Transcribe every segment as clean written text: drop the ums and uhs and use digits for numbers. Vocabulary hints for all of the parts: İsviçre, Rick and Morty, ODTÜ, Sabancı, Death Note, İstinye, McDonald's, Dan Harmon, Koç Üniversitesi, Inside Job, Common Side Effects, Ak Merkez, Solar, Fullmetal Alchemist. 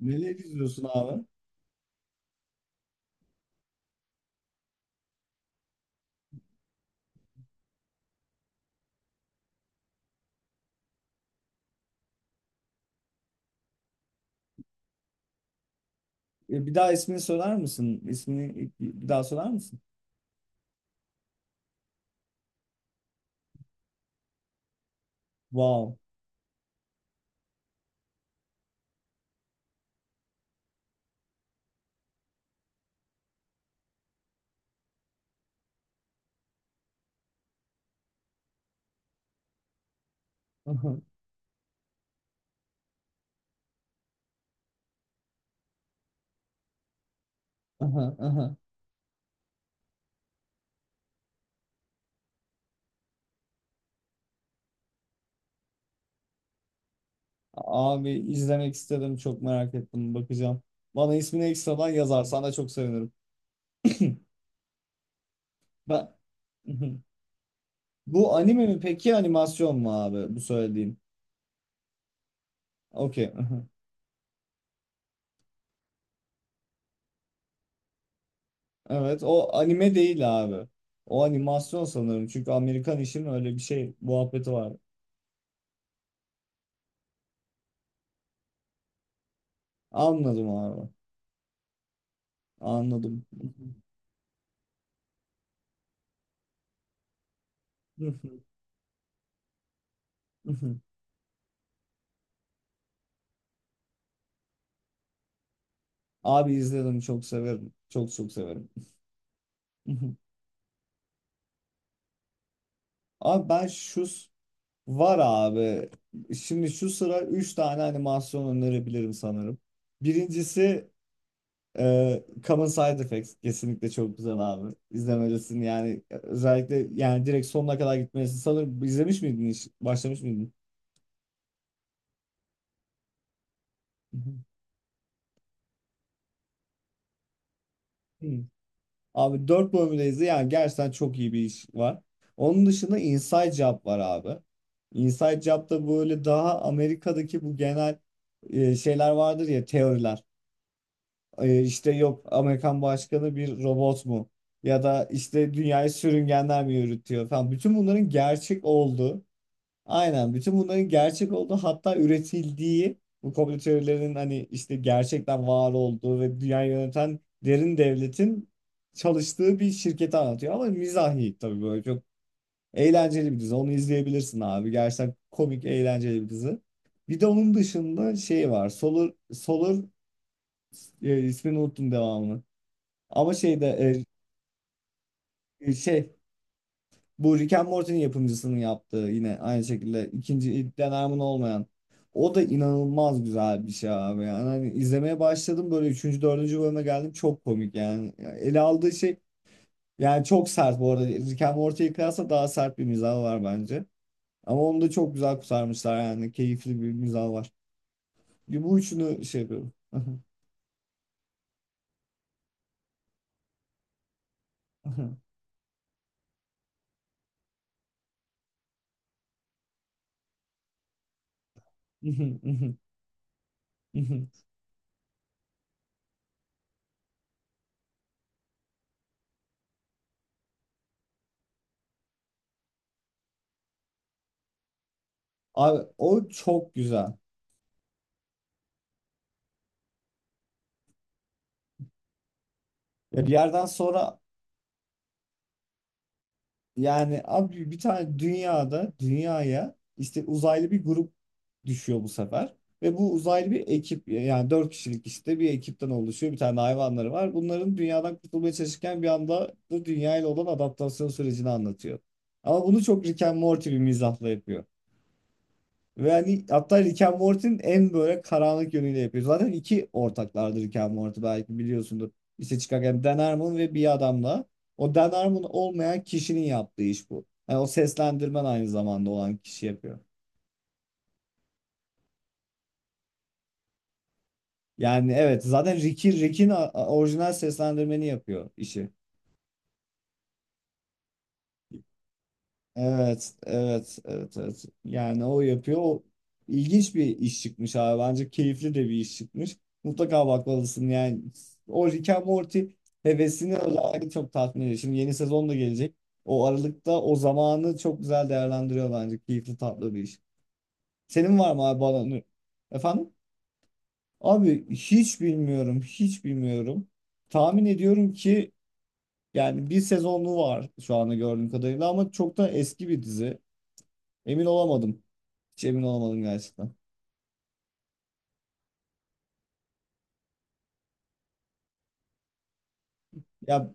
Neler izliyorsun abi? Bir daha ismini söyler misin? İsmini bir daha söyler misin? Wow. Aha, aha, aha. Abi izlemek istedim. Çok merak ettim. Bakacağım. Bana ismini ekstradan yazarsan da çok sevinirim. Ben... Bu anime mi peki animasyon mu abi? Bu söylediğin. Okey. aha. Evet o anime değil abi. O animasyon sanırım. Çünkü Amerikan işin öyle bir şey muhabbeti var. Anladım abi. Anladım. Abi izledim çok severim. Çok çok severim. Abi ben var abi. Şimdi şu sıra 3 tane animasyon önerebilirim sanırım. Birincisi Common Side Effects. Kesinlikle çok güzel abi. İzlemelisin yani özellikle yani direkt sonuna kadar gitmelisin. Sanırım izlemiş miydin hiç? Başlamış mıydın? Hı hı. Abi 4 bölümdeyiz. Yani gerçekten çok iyi bir iş var. Onun dışında Inside Job var abi. Inside Job da böyle daha Amerika'daki bu genel şeyler vardır ya teoriler. E, işte yok Amerikan başkanı bir robot mu? Ya da işte dünyayı sürüngenler mi yürütüyor falan. Bütün bunların gerçek olduğu. Aynen. Bütün bunların gerçek olduğu hatta üretildiği bu komplo teorilerinin hani işte gerçekten var olduğu ve dünyayı yöneten derin devletin çalıştığı bir şirketi anlatıyor. Ama mizahi tabii böyle çok eğlenceli bir dizi. Onu izleyebilirsin abi. Gerçekten komik, eğlenceli bir dizi. Bir de onun dışında şey var. Solar, Solar ismini unuttum devamını. Ama şeyde e, şey bu Rick and Morty'nin yapımcısının yaptığı yine aynı şekilde ikinci ilk deneyimin olmayan. O da inanılmaz güzel bir şey abi. Yani hani izlemeye başladım böyle üçüncü, dördüncü bölüme geldim. Çok komik yani. Yani ele aldığı şey yani çok sert bu arada. Rick and Morty'ye kıyasla daha sert bir mizahı var bence. Ama onu da çok güzel kurtarmışlar yani. Keyifli bir mizahı var. Bu üçünü şey yapıyorum. Abi o çok güzel. Ya bir yerden sonra yani abi bir tane dünyaya işte uzaylı bir grup düşüyor bu sefer. Ve bu uzaylı bir ekip yani dört kişilik işte bir ekipten oluşuyor. Bir tane hayvanları var. Bunların dünyadan kurtulmaya çalışırken bir anda da dünyayla olan adaptasyon sürecini anlatıyor. Ama bunu çok Rick and Morty bir mizahla yapıyor. Ve hani hatta Rick and Morty'nin en böyle karanlık yönüyle yapıyor. Zaten iki ortaklardır Rick and Morty belki biliyorsundur. İşte çıkarken Dan Harmon ve bir adamla. O Dan Harmon olmayan kişinin yaptığı iş bu. Yani o seslendirmen aynı zamanda olan kişi yapıyor. Yani evet zaten Rick'in orijinal seslendirmeni yapıyor işi. Evet, evet, evet, evet. Yani o yapıyor. O ilginç bir iş çıkmış abi. Bence keyifli de bir iş çıkmış. Mutlaka bakmalısın yani. O Rick and Morty hevesini özellikle çok tatmin ediyor. Şimdi yeni sezon da gelecek. O aralıkta o zamanı çok güzel değerlendiriyor bence. Keyifli tatlı bir iş. Senin var mı abi bana? Efendim? Abi hiç bilmiyorum, hiç bilmiyorum. Tahmin ediyorum ki yani bir sezonlu var şu anda gördüğüm kadarıyla ama çok da eski bir dizi. Emin olamadım. Hiç emin olamadım gerçekten. Ya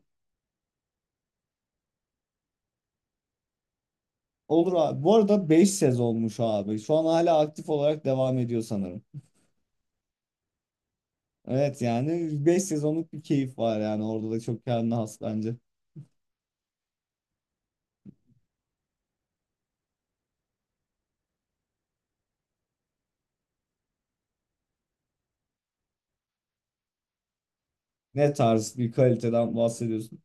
olur abi. Bu arada 5 sezonmuş abi. Şu an hala aktif olarak devam ediyor sanırım. Evet yani 5 sezonluk bir keyif var yani orada da çok kendine has bence. Ne tarz bir kaliteden bahsediyorsun?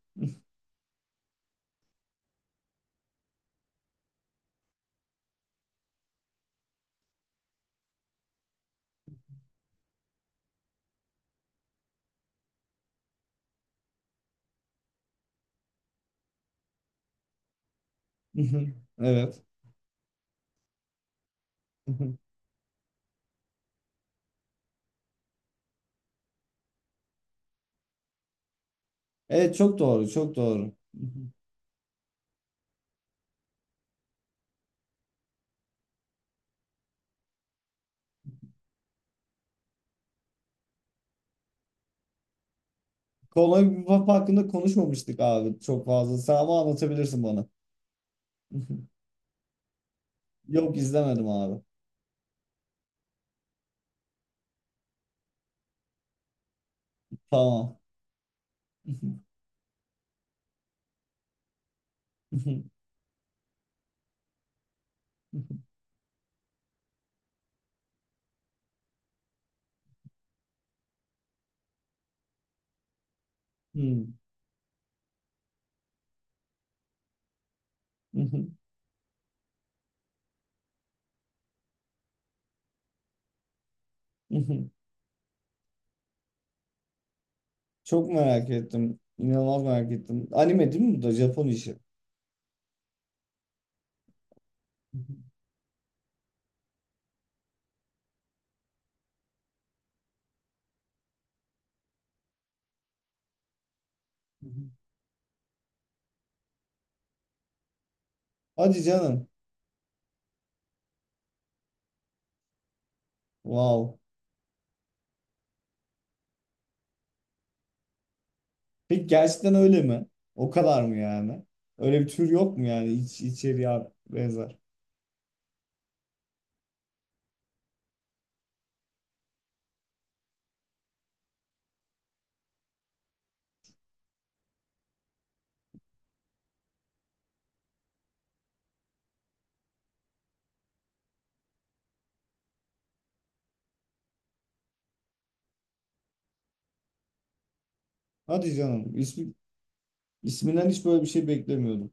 Evet. Evet çok doğru çok doğru. Kolay bir Papa hakkında konuşmamıştık abi çok fazla. Sen ama anlatabilirsin bana. Yok izlemedim abi. Tamam. Hmm. Çok merak ettim. İnanılmaz merak ettim. Anime değil mi bu da? Japon işi. Hı hı. Hadi canım. Wow. Peki gerçekten öyle mi? O kadar mı yani? Öyle bir tür yok mu yani içeriye benzer? Hadi canım. İsminden hiç böyle bir şey beklemiyordum.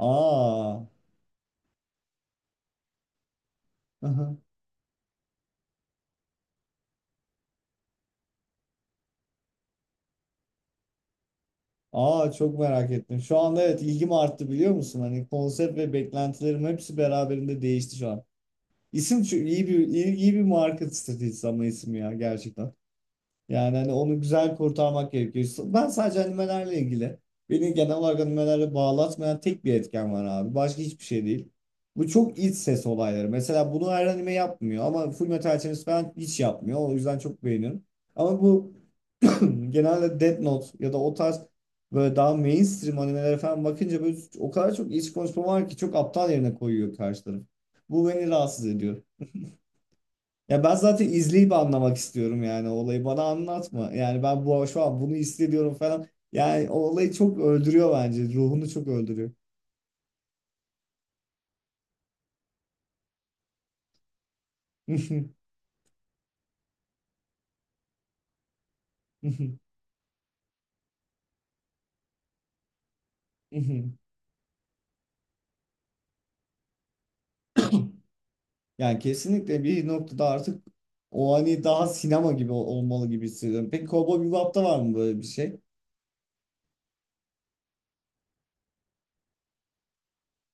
Aa. Aha. Aa çok merak ettim. Şu anda evet ilgim arttı biliyor musun? Hani konsept ve beklentilerim hepsi beraberinde değişti şu an. İsim şu iyi, iyi bir marka stratejisi ama isim ya gerçekten. Yani hani onu güzel kurtarmak gerekiyor. Ben sadece animelerle ilgili beni genel olarak animelerle bağlatmayan tek bir etken var abi. Başka hiçbir şey değil. Bu çok iç ses olayları. Mesela bunu her anime yapmıyor ama Fullmetal Alchemist falan hiç yapmıyor. O yüzden çok beğeniyorum. Ama bu genelde Death Note ya da o tarz böyle daha mainstream animelere falan bakınca böyle o kadar çok iç konuşma var ki çok aptal yerine koyuyor karşı taraf. Bu beni rahatsız ediyor. Ya ben zaten izleyip anlamak istiyorum yani olayı bana anlatma. Yani ben bu şu an bunu hissediyorum falan. Yani o olayı çok öldürüyor bence. Ruhunu çok öldürüyor. Yani kesinlikle bir noktada artık o hani daha sinema gibi olmalı gibi hissediyorum. Peki Cowboy Bebop'ta var mı böyle bir şey?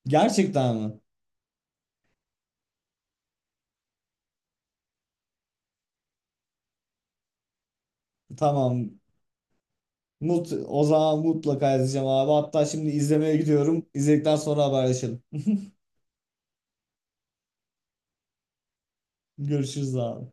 Gerçekten mi? Tamam. O zaman mutlaka izleyeceğim abi. Hatta şimdi izlemeye gidiyorum. İzledikten sonra haberleşelim. Görüşürüz abi.